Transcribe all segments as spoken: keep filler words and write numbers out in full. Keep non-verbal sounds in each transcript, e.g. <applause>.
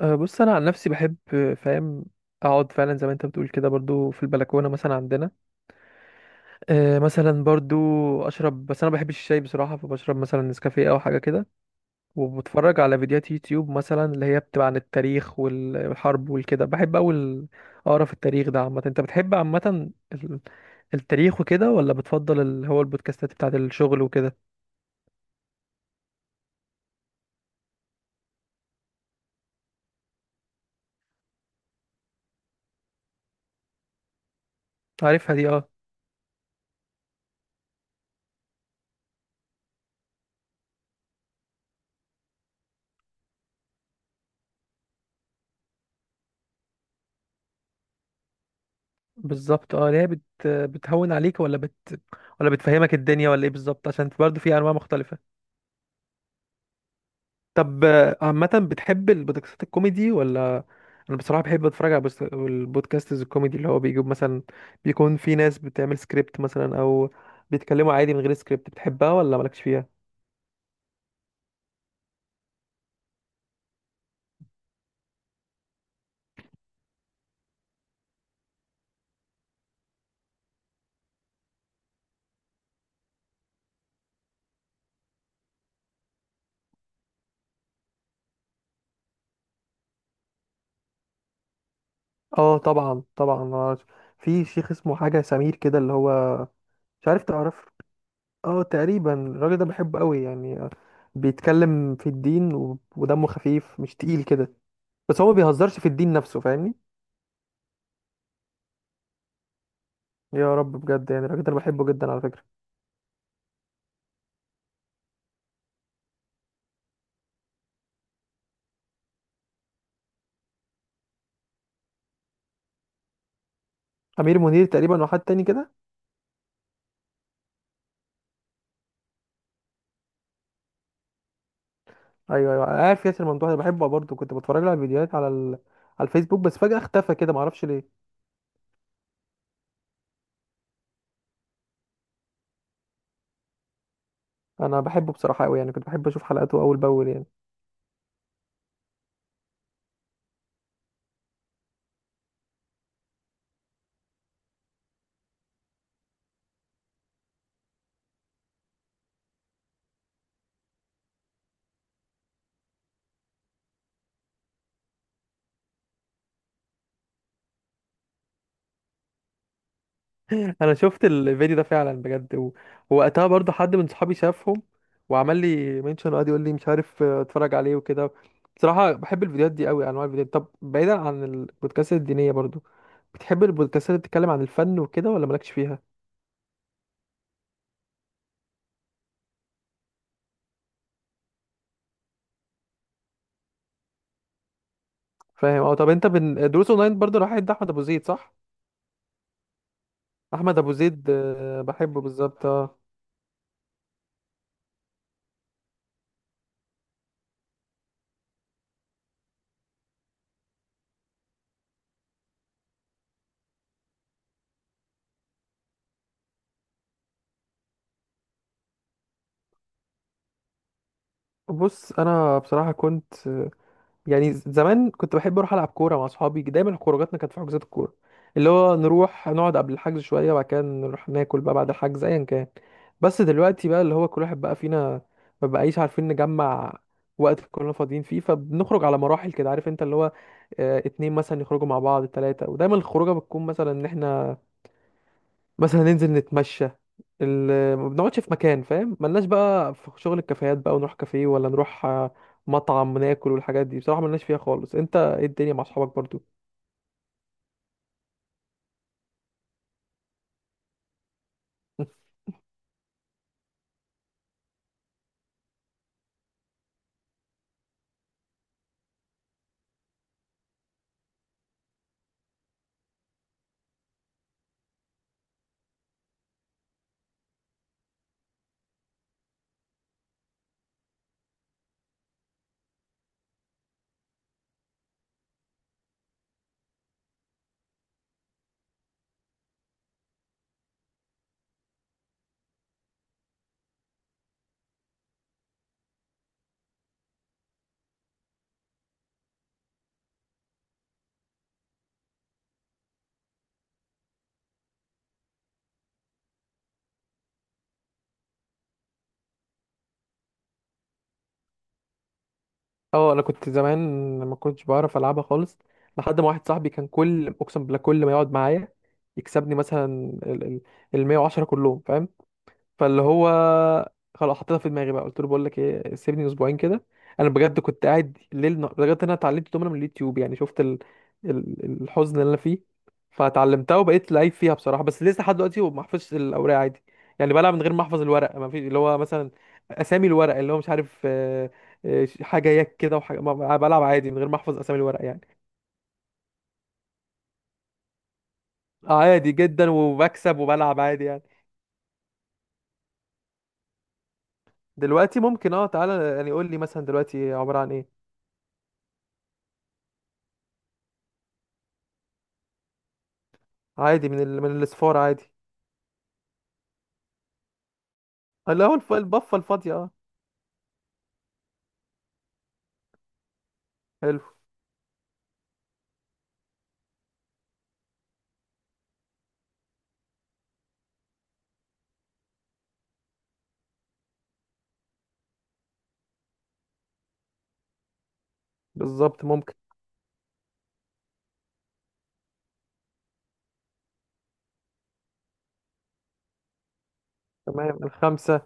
أه، بص انا عن نفسي بحب أه، فاهم اقعد فعلا زي ما انت بتقول كده برضو في البلكونه مثلا عندنا. أه مثلا برضو اشرب، بس انا ما بحبش الشاي بصراحه، فبشرب مثلا نسكافيه او حاجه كده، وبتفرج على فيديوهات يوتيوب مثلا اللي هي بتبقى عن التاريخ وال- والحرب والكده. بحب اول اقرا في التاريخ ده عامه. انت بتحب عامه ال- التاريخ وكده ولا بتفضل اللي هو البودكاستات بتاعت الشغل وكده؟ عارفها دي، اه. بالظبط اه، اللي هي بت... بتهون عليك ولا بت... ولا بتفهمك الدنيا، ولا ايه بالظبط؟ عشان برضو في انواع مختلفه. طب آه، عامة بتحب البودكاستات الكوميدي ولا؟ انا بصراحة بحب اتفرج على بوست- البودكاستز الكوميدي، اللي هو بيجيب مثلا، بيكون في ناس بتعمل سكريبت مثلا او بيتكلموا عادي من غير سكريبت. بتحبها ولا مالكش فيها؟ اه طبعا طبعا آه، في شيخ اسمه حاجة سمير كده اللي هو مش عارف تعرف. اه، تقريبا الراجل ده بحبه قوي يعني آه، بيتكلم في الدين و- ودمه خفيف مش تقيل كده، بس هو ما بيهزرش في الدين نفسه، فاهمني؟ يا رب بجد، يعني الراجل ده انا بحبه جدا على فكرة. امير منير تقريبا وحد تاني كده. ايوه ايوه، أنا عارف ياسر ممدوح ده، بحبه برضه. كنت بتفرج له على الفيديوهات على ال... على الفيسبوك، بس فجأة اختفى كده، معرفش ليه. انا بحبه بصراحة قوي يعني، كنت بحب اشوف حلقاته اول باول يعني. <laughs> انا شفت الفيديو ده فعلا بجد و... ووقتها برضه حد من صحابي شافهم، وعمل لي منشن وقعد يقول لي مش عارف، آه، اتفرج عليه وكده. بصراحة بحب الفيديوهات دي قوي، انواع الفيديوهات طب بعيدا عن البودكاست الدينية، برضه بتحب البودكاستات اللي بتتكلم عن الفن وكده ولا مالكش فيها؟ فاهم. اه طب انت بن... دروس اونلاين برضه، راح عند احمد ابو زيد صح؟ احمد ابو زيد آه، بحبه بالظبط آه. بص، انا بصراحه كنت آه، يعني ز- زمان كنت بحب اروح العب كوره مع اصحابي، دايما خروجاتنا كانت في حجوزات الكوره، اللي هو نروح نقعد قبل الحجز شويه وبعد كده نروح ناكل بقى بعد الحجز ايا كان. بس دلوقتي بقى اللي هو كل واحد بقى فينا ما بقايش عارفين نجمع وقت كلنا فاضيين فيه، فبنخرج على مراحل كده، عارف انت، اللي هو آه، اتنين مثلا يخرجوا مع بعض، تلاتة. ودايما الخروجه بتكون مثلا ان احنا مثلا ننزل نتمشى، ال- ما بنقعدش في مكان، فاهم، ملناش بقى في شغل الكافيهات بقى ونروح كافيه، ولا نروح آه، مطعم ناكل والحاجات دي، بصراحة ملناش فيها خالص. انت ايه الدنيا مع اصحابك برضو؟ <laughs> اه انا كنت زمان ما كنتش بعرف العبها خالص، لحد ما واحد صاحبي كان كل، اقسم بالله، كل ما يقعد معايا يكسبني مثلا ال ال- مية وعشرة كلهم، فاهم؟ فاللي هو خلاص حطيتها في دماغي بقى، قلت له بقول لك ايه، سيبني اسبوعين كده. انا بجد كنت قاعد ليل نهار بجد، انا اتعلمت دومنا من اليوتيوب، يعني شفت ال... ال... الحزن اللي انا فيه. فتعلمتها وبقيت لعيب فيها بصراحه، بس لسه لحد دلوقتي ما بحفظش الاوراق عادي. يعني بلعب من غير ما احفظ الورق، ما فيش اللي هو مثلا اسامي الورق، اللي هو مش عارف آه، آه، حاجه يك كده وحاجه ما- ما- بلعب عادي من غير ما احفظ اسامي الورق يعني. آه، عادي جدا، وبكسب وبلعب عادي يعني. دلوقتي ممكن اه، تعالى يعني قول لي مثلا دلوقتي عباره عن ايه. عادي من ال... من الصفار عادي. اللي هو الف... البفة الفاضية، اه. حلو. بالظبط، ممكن. تمام الخمسة.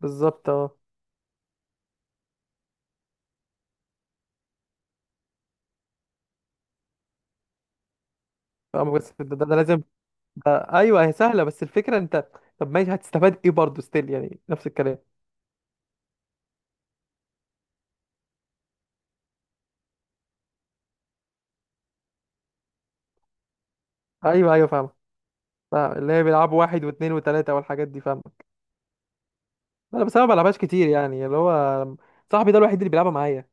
بالظبط اه. اه بس ده, ده, ده لازم، ده. ايوه، هي سهلة بس الفكرة انت، طب ماشي هتستفاد ايه برضه؟ ستيل يعني نفس الكلام. ايوه ايوه فاهم. فاهم اللي هي بيلعبوا واحد واثنين وثلاثة والحاجات دي، فاهم. انا بس انا ما بلعبهاش كتير يعني، اللي هو صاحبي ده الوحيد اللي بيلعبها معايا.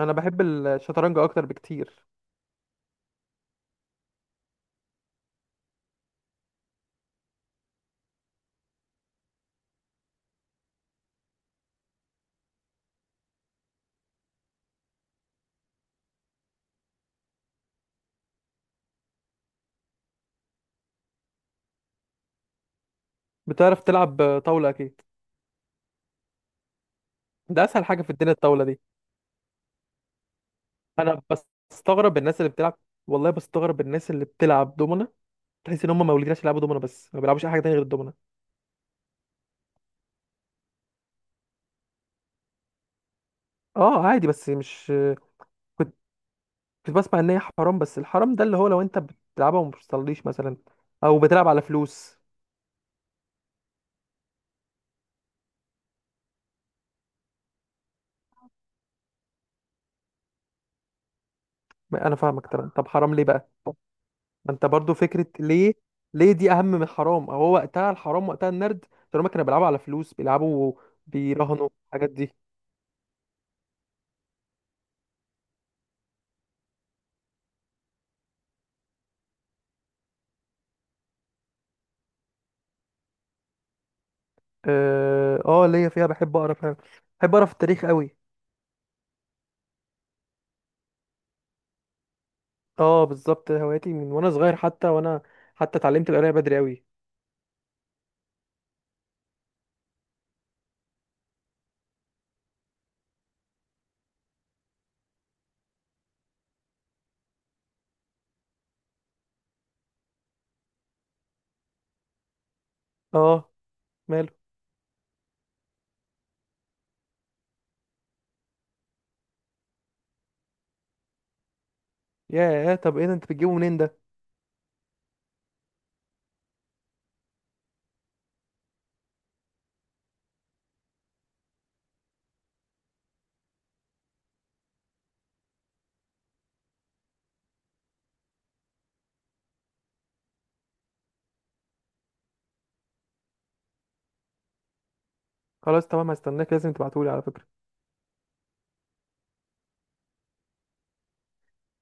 انا بحب الشطرنج اكتر بكتير. بتعرف تلعب طاولة اكيد؟ ده اسهل حاجة في الدنيا الطاولة دي. انا بستغرب الناس اللي بتلعب، والله بستغرب الناس اللي بتلعب دومنا، تحس ان هم مولودين عشان يلعبوا دومنا، بس ما بيلعبوش اي حاجه تانية غير الدومنا. اه عادي بس مش، كنت كنت بسمع ان هي حرام، بس الحرام ده اللي هو لو انت بتلعبها وما بتصليش مثلا، او بتلعب على فلوس. ما انا فاهمك طبعا، طب حرام ليه بقى؟ ما انت برضو فكره ليه؟ ليه دي اهم من الحرام، او هو وقتها الحرام وقتها النرد، طالما كانوا بيلعبوا على فلوس، بيلعبوا بيراهنوا الحاجات دي. اه آه، ليا فيها، بحب اقرا فعلا، بحب اقرا في التاريخ قوي. اه بالظبط، هواياتي من وانا صغير، حتى وانا حتى اتعلمت القرايه بدري قوي. اه، ماله؟ ياه، طب ايه ده، انت بتجيبه منين ده؟ خلاص تمام، هستناك، لازم تبعتهولي على فكره.